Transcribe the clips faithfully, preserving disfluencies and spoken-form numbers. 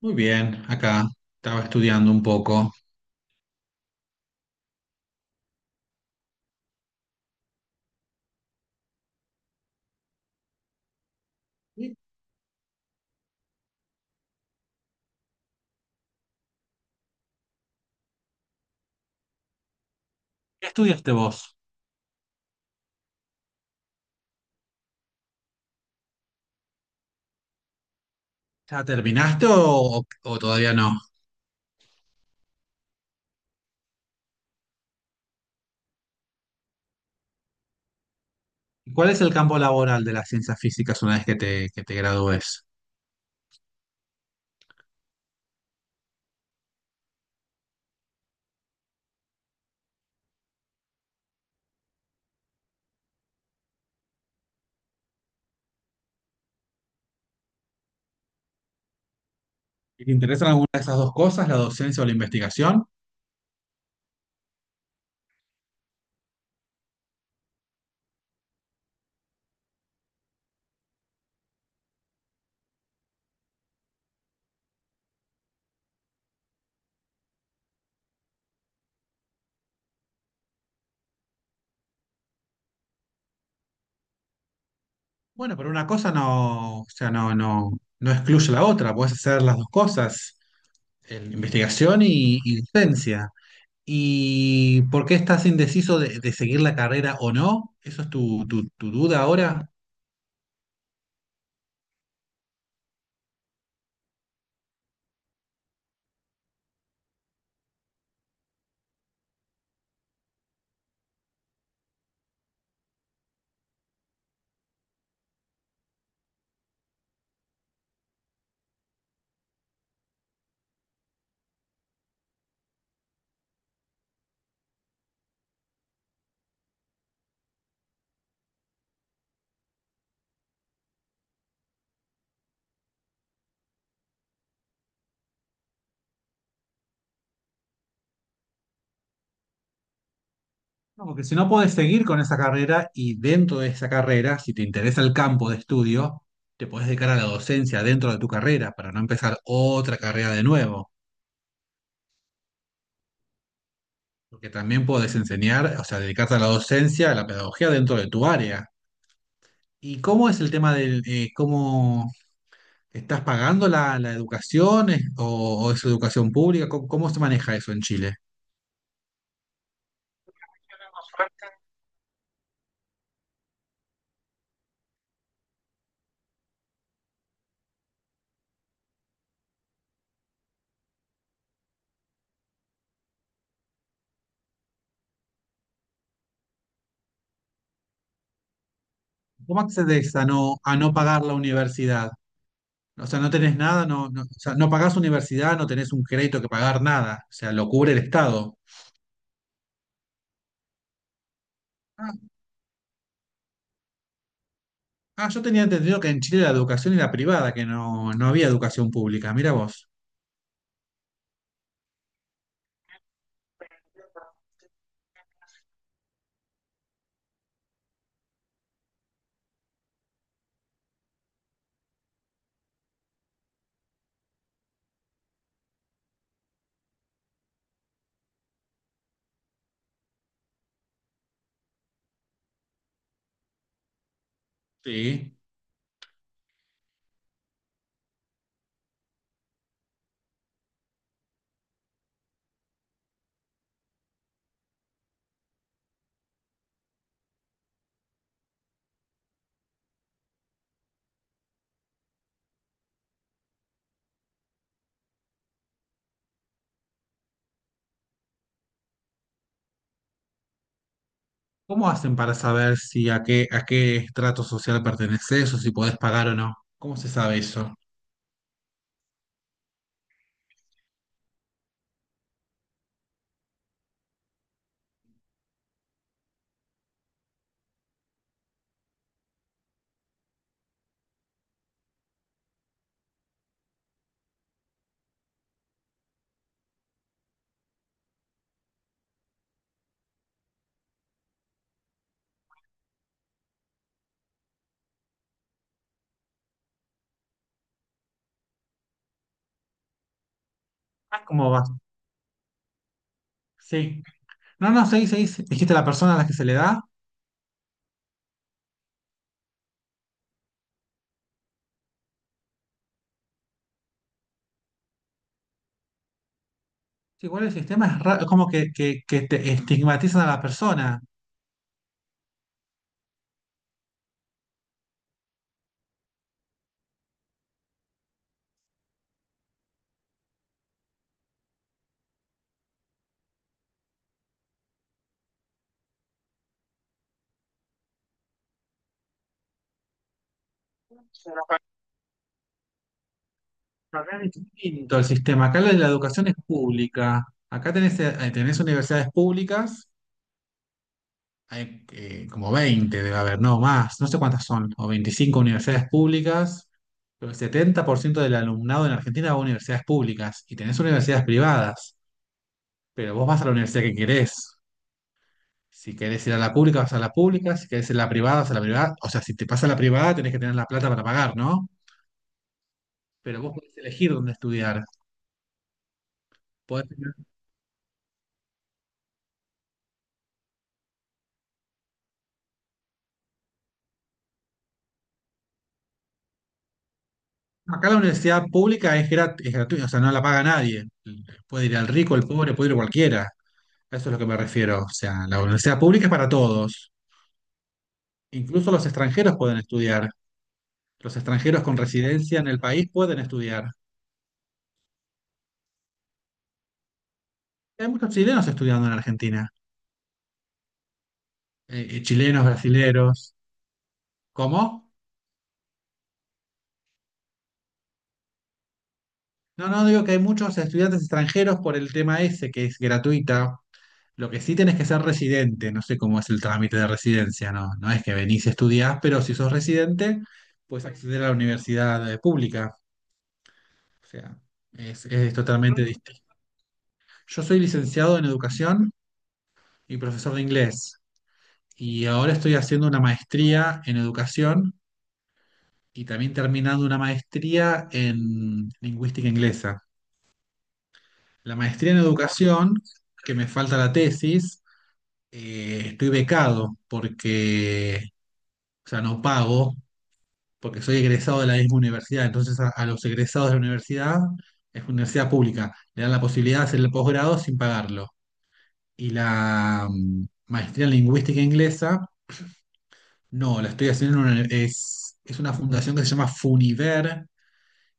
Muy bien, acá estaba estudiando un poco. ¿Qué estudiaste vos? ¿Ya terminaste o, o todavía no? ¿Y cuál es el campo laboral de las ciencias físicas una vez que te, que te gradúes? ¿Y ¿Te interesan alguna de esas dos cosas, la docencia o la investigación? Bueno, pero una cosa no, o sea, no, no, no excluye la otra, puedes hacer las dos cosas. El- investigación y, y docencia. ¿Y por qué estás indeciso de, de seguir la carrera o no? ¿Eso es tu, tu- tu duda ahora? No, porque si no podés seguir con esa carrera y dentro de esa carrera, si te interesa el campo de estudio, te podés dedicar a la docencia dentro de tu carrera para no empezar otra carrera de nuevo. Porque también podés enseñar, o sea, dedicarte a la docencia, a la pedagogía dentro de tu área. ¿Y cómo es el tema del, eh, cómo ¿estás pagando la, la educación eh, o, o es educación pública? ¿Cómo, cómo se maneja eso en Chile? ¿Cómo accedes a no, a no pagar la universidad? O sea, no tenés nada, no, no, o sea, no pagás universidad, no tenés un crédito que pagar nada. O sea, lo cubre el Estado. Ah, ah, yo tenía entendido que en Chile la educación era privada, que no, no había educación pública. Mira vos. Sí. ¿Cómo hacen para saber si a qué, a qué estrato social perteneces o si podés pagar o no? ¿Cómo se sabe eso? Ah, ¿cómo vas? Sí. No, no, seis, seis. Dijiste la persona a la que se le da. Sí, igual el sistema es ra- como que, que, que te estigmatizan a la persona. Acá es una carrera distinto el sistema. Acá la, la educación es pública. Acá tenés, eh, tenés universidades públicas, hay, eh, como veinte debe haber, no más, no sé cuántas son, o veinticinco universidades públicas, pero el setenta por ciento del alumnado en Argentina va a universidades públicas y tenés universidades privadas, pero vos vas a la universidad que querés. Si querés ir a la pública, vas a la pública. Si querés ir a la privada, vas a la privada. O sea, si te pasa a la privada, tenés que tener la plata para pagar, ¿no? Pero vos podés elegir dónde estudiar. Podés- Acá la universidad pública es grat- es gratuita, o sea, no la paga nadie. Puede ir al rico, el pobre, puede ir cualquiera. A eso es lo que me refiero. O sea, la universidad pública es para todos. Incluso los extranjeros pueden estudiar. Los extranjeros con residencia en el país pueden estudiar. Hay muchos chilenos estudiando en Argentina. Eh, eh, chilenos, brasileros. ¿Cómo? No, no, digo que hay muchos estudiantes extranjeros por el tema ese, que es gratuita. Lo que sí tenés que ser residente, no sé cómo es el trámite de residencia, no, no es que venís y estudiás, pero si sos residente, puedes acceder a la universidad eh, pública. O sea, es, es totalmente distinto. Yo soy licenciado en educación y profesor de inglés, y ahora estoy haciendo una maestría en educación y también terminando una maestría en lingüística inglesa. La maestría en educación, que me falta la tesis, eh, estoy becado porque, o sea, no pago, porque soy egresado de la misma universidad. Entonces, a, a los egresados de la universidad, es una universidad pública, le dan la posibilidad de hacer el posgrado sin pagarlo. Y la mm, maestría en lingüística inglesa, no, la estoy haciendo en una, es, es una fundación que se llama Funiver.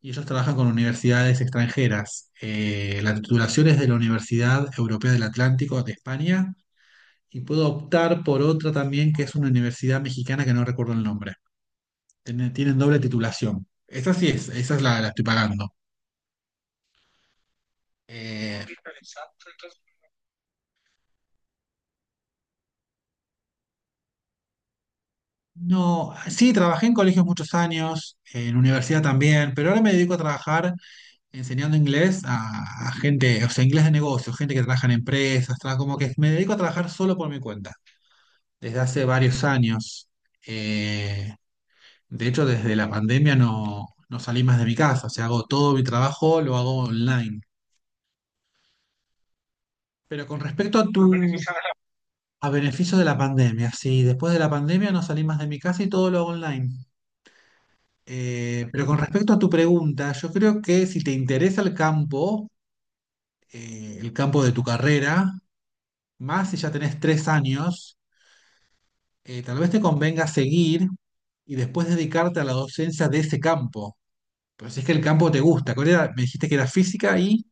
Y ellos trabajan con universidades extranjeras. Eh, la titulación es de la Universidad Europea del Atlántico de España y puedo optar por otra también que es una universidad mexicana que no recuerdo el nombre. Tienen, tienen doble titulación. Esa sí es, esa es la, la estoy pagando. Eh, no, sí, trabajé en colegios muchos años, en universidad también, pero ahora me dedico a trabajar enseñando inglés a, a gente, o sea, inglés de negocios, gente que trabaja en empresas, tra- como que me dedico a trabajar solo por mi cuenta, desde hace varios años. Eh, de hecho, desde la pandemia no, no salí más de mi casa, o sea, hago todo mi trabajo, lo hago online. Pero con respecto a tu, a beneficio de la pandemia, sí, después de la pandemia no salí más de mi casa y todo lo hago online. Eh, pero con respecto a tu pregunta, yo creo que si te interesa el campo, eh, el campo de tu carrera, más si ya tenés tres años, eh, tal vez te convenga seguir y después dedicarte a la docencia de ese campo. Pero si es que el campo te gusta, ¿cuál era? Me dijiste que era física y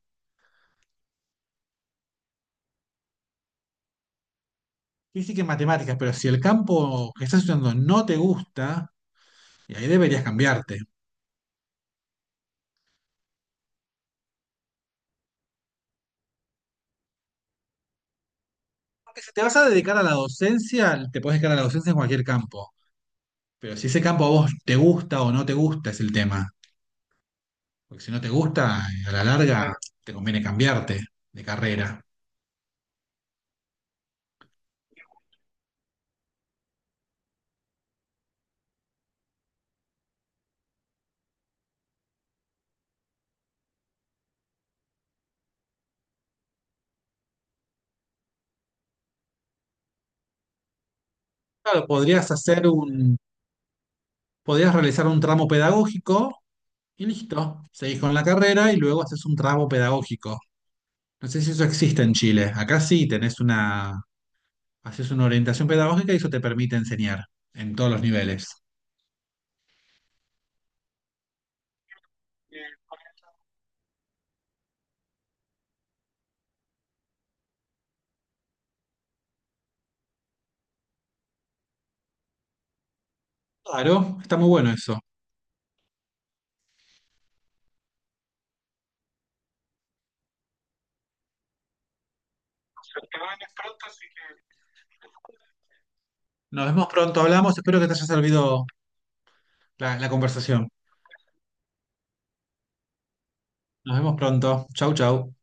física y matemáticas, pero si el campo que estás estudiando no te gusta, y ahí deberías cambiarte. Porque si te vas a dedicar a la docencia, te puedes dedicar a la docencia en cualquier campo. Pero si ese campo a vos te gusta o no te gusta es el tema. Porque si no te gusta, a la larga te conviene cambiarte de carrera. Claro, podrías hacer un, podrías realizar un tramo pedagógico y listo. Seguís con la carrera y luego haces un tramo pedagógico. No sé si eso existe en Chile. Acá sí tenés una, haces una orientación pedagógica y eso te permite enseñar en todos los niveles. Claro, está muy bueno eso. Nos vemos pronto, hablamos. Espero que te haya servido la, la conversación. Nos vemos pronto. Chau, chau.